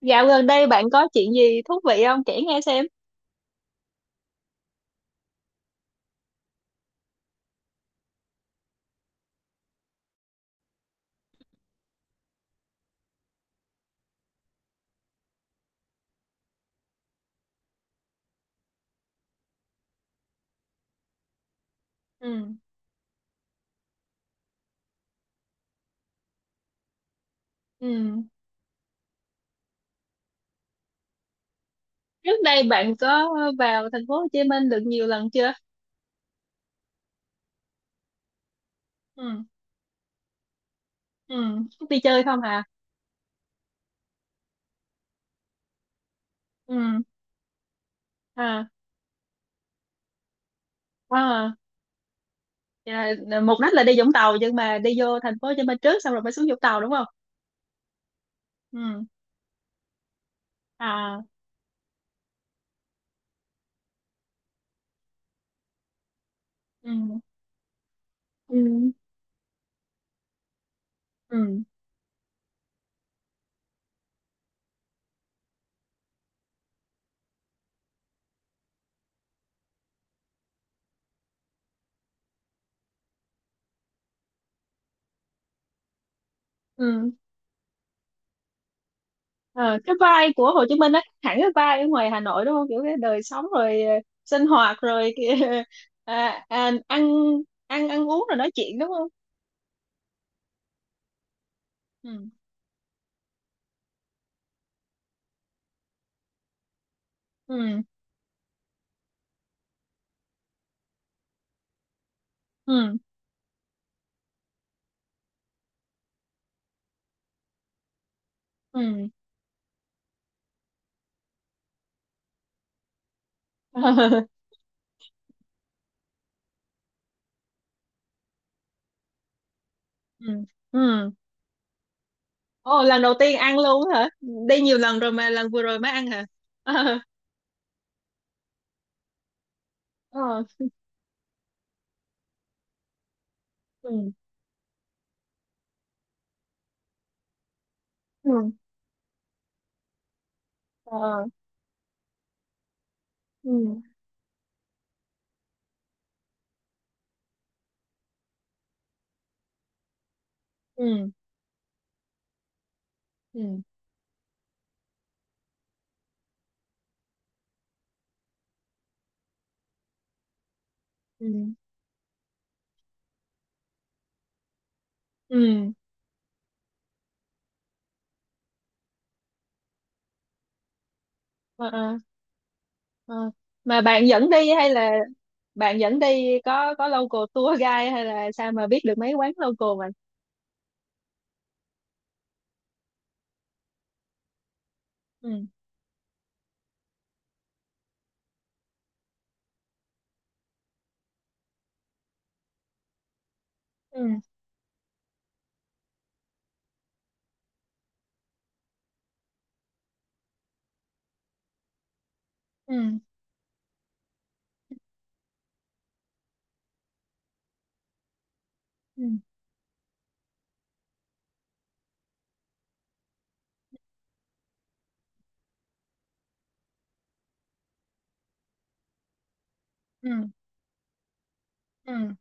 Dạo gần đây bạn có chuyện gì thú vị không? Kể nghe xem. Ừ, ừ. Trước đây bạn có vào thành phố Hồ Chí Minh được nhiều lần chưa? Ừ, ừ. Đi chơi không hả? Ừ. À. Wow. Vậy là mục đích là đi Vũng Tàu nhưng mà đi vô thành phố Hồ Chí Minh trước xong rồi mới xuống Vũng Tàu đúng không? Ừ. À, ừ, ừ. Ừ, ừ. Ờ, cái vibe của Hồ Chí Minh á, hẳn cái vibe ở ngoài Hà Nội đúng không? Kiểu cái đời sống rồi, sinh hoạt rồi kìa, à, à, ăn ăn ăn uống rồi nói chuyện đúng không? Ừ, ừ, ừ, ừ, ừ. Ừ, ừ. Ồ, lần đầu tiên ăn luôn hả? Đi nhiều lần rồi mà lần vừa rồi mới ăn hả? Ờ, ờ, ừ, ừ, ờ, ừ, ừ, ừ, ừ, ừ, ờ, ờ, ờ. Mà bạn dẫn đi hay là bạn dẫn đi, có local tour guide hay là sao mà biết được mấy quán local mà? Ừ, ừ, ừ, ừ, ừ, ừ.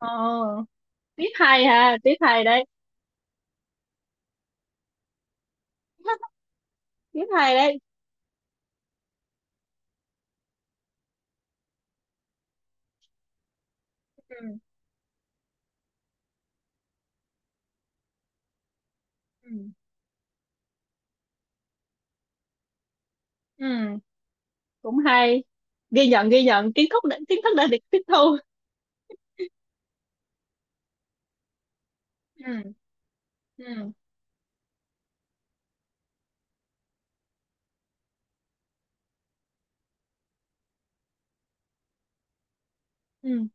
Ồ, tiếp hay ha, tiếp hay đấy. Tiếp hay đấy. Ừ, ừ, ừ. Cũng hay. Ghi nhận, ghi nhận. Kiến thức đã được tiếp thu. Ừ, ừ, ừ,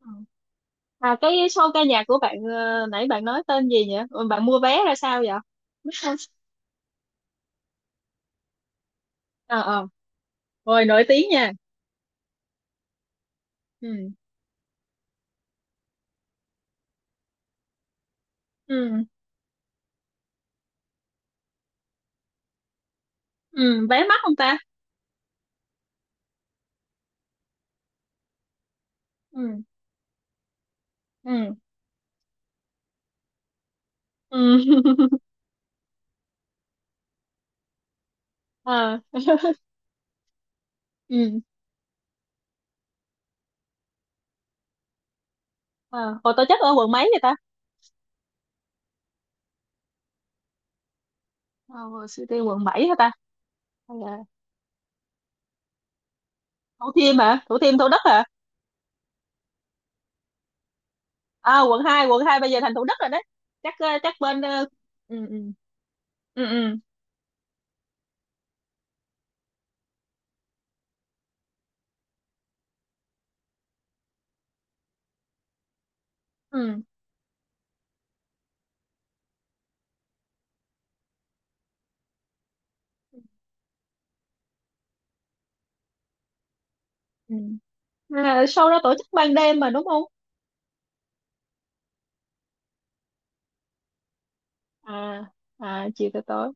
ừ. À, cái show ca nhạc của bạn, nãy bạn nói tên gì nhỉ? Ừ, bạn mua vé ra sao vậy? Ờ, ờ. Ôi, nổi tiếng nha. Ừ, ừ, ừ. Vé mắc không ta? Ừ, ừ, ừ. Ờ. Ừ. ờ Hồi tổ chức ở quận mấy vậy ta? Ờ Suy tiên quận bảy hả ta? Hay là Thủ Thiêm hả? Thủ Thiêm, Thủ Đức hả? À, quận hai, quận 2 bây giờ thành Thủ Đức rồi đấy. Chắc chắc bên ừ, ừ, ừ, ừ, ừ, ừ. À, sau đó tổ chức ban đêm mà đúng không? À. À, chiều tới tối.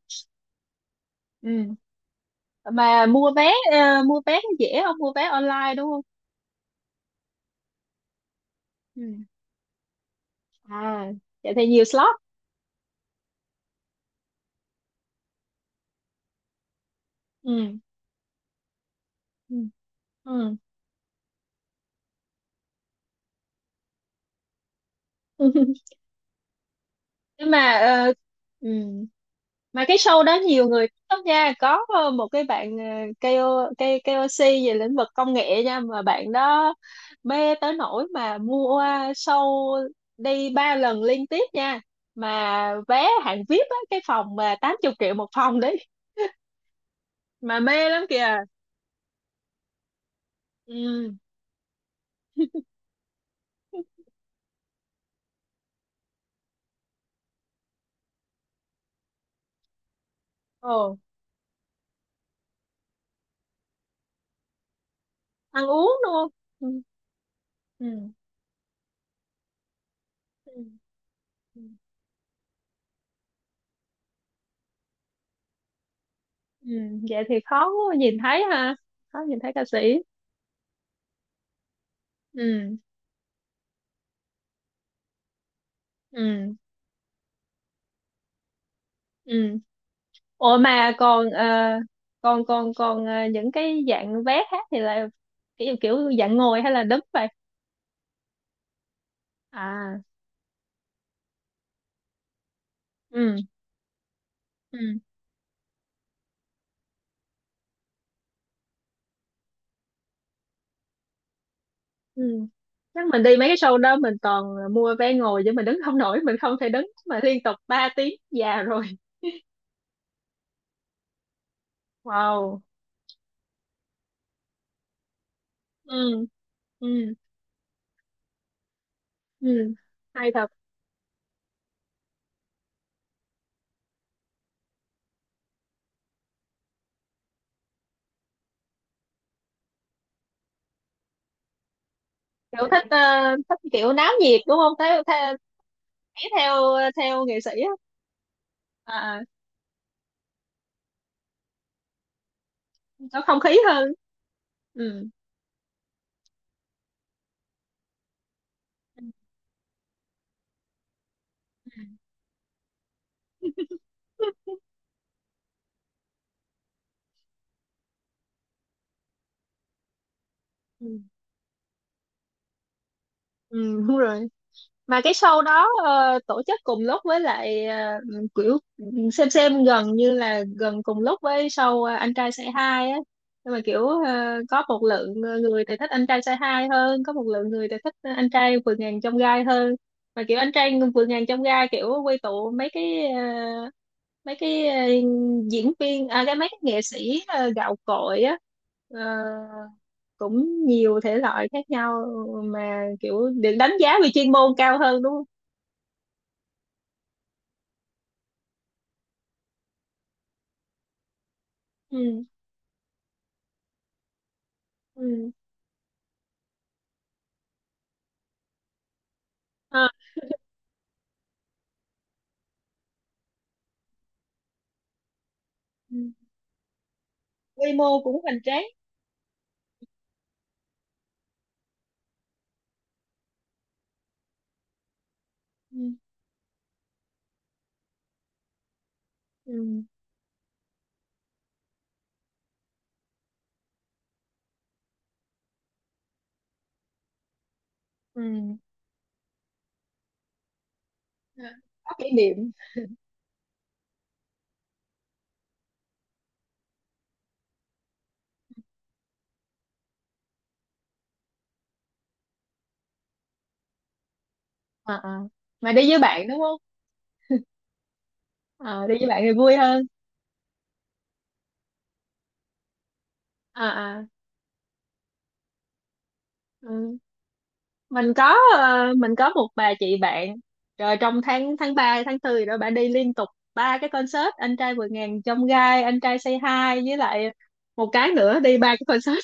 Ừ. mà mua vé ờ, Mua vé có dễ không? Mua vé online đúng không? Ừ. À, vậy thì nhiều slot. Ừ, ừ, ừ. Nhưng mà, ừm, mà cái show đó nhiều người thích lắm nha. Có, một cái bạn, KO, KOC về lĩnh vực công nghệ nha, mà bạn đó mê tới nỗi mà mua show đi ba lần liên tiếp nha. Mà vé hạng VIP á, cái phòng mà 80 triệu một phòng đấy, mà mê lắm kìa. Ừ. Ồ. Ăn uống luôn. Ừ, ừ, ừ, ừ. Ừ, ừ. Vậy thì khó nhìn thấy ha, khó nhìn thấy ca sĩ. Ừ, ừ, ừ. Ủa mà còn, ờ, còn còn còn ờ, những cái dạng vé khác thì là kiểu kiểu dạng ngồi hay là đứng vậy? À, ừ, ừ, ừ. Chắc mình đi mấy cái show đó mình toàn mua vé ngồi chứ mình đứng không nổi, mình không thể đứng mà liên tục ba tiếng, già rồi. Wow. Ừ, ừ, ừ. Hay thật. Kiểu thích, thích kiểu náo nhiệt đúng không? Theo theo theo theo nghệ sĩ á. À, có không khí hơn. Ừ. Ừ, ừ, đúng rồi. Mà cái show đó tổ chức cùng lúc với lại, kiểu xem gần như là gần cùng lúc với show, anh trai say hi á, nhưng mà kiểu, có một lượng người thì thích anh trai say hi hơn, có một lượng người thì thích anh trai vượt ngàn chông gai hơn. Mà kiểu anh trai vượt ngàn chông gai kiểu quy tụ mấy cái, mấy cái ờ, diễn viên, à cái mấy cái nghệ sĩ gạo cội á. Ờ, cũng nhiều thể loại khác nhau, mà kiểu được đánh giá về chuyên môn cao hơn đúng không? Ừ. Ừ. À, ừ. Quy mô cũng hoành tráng. Ừ. Ừ. Ừ. À, có kỷ niệm. À, à. Mà đi với bạn đúng không? Ờ, đi với bạn thì vui hơn. À, à. Ừ. Mình có một bà chị bạn, rồi trong tháng tháng ba, tháng tư, rồi bà đi liên tục ba cái concert: anh trai vượt ngàn chông gai, anh trai say hi với lại một cái nữa, đi ba cái concert.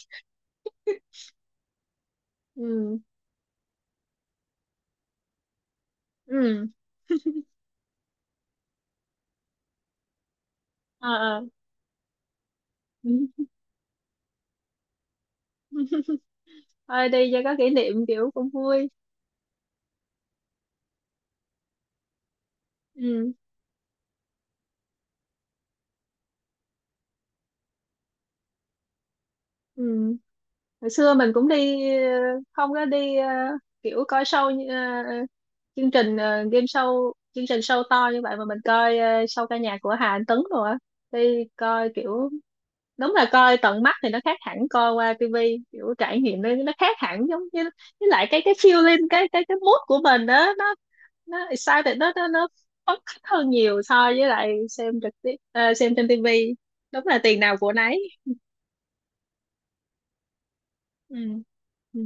Ừ. Ừ, ờ, ờ, ừ. Thôi, đi cho có kỷ niệm, kiểu cũng vui. Ừ, ừ. Hồi xưa mình cũng đi, không có đi, kiểu coi show chương trình, game show, chương trình show to như vậy, mà mình coi, show ca nhạc của Hà Anh Tuấn rồi á. Đi coi kiểu, đúng là coi tận mắt thì nó khác hẳn coi qua tivi, kiểu trải nghiệm nó khác hẳn, giống như với lại cái feeling, cái mood của mình đó, nó excited, nó phấn khích hơn nhiều so với lại xem trực tiếp, xem trên tivi. Đúng là tiền nào của nấy. Ừ, ừ,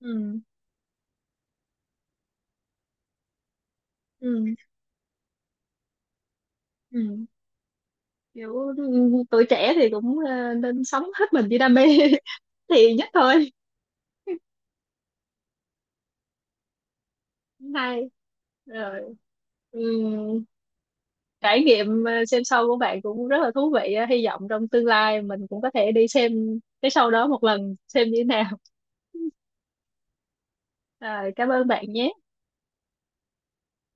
ừ, ừ, ừ. Kiểu, tuổi trẻ thì cũng, nên sống hết mình với đam mê. Thì nhất thôi. Hay rồi. Ừ. Trải nghiệm, xem show của bạn cũng rất là thú vị á. Hy vọng trong tương lai mình cũng có thể đi xem cái show đó một lần, xem như thế nào. À, cảm ơn bạn nhé.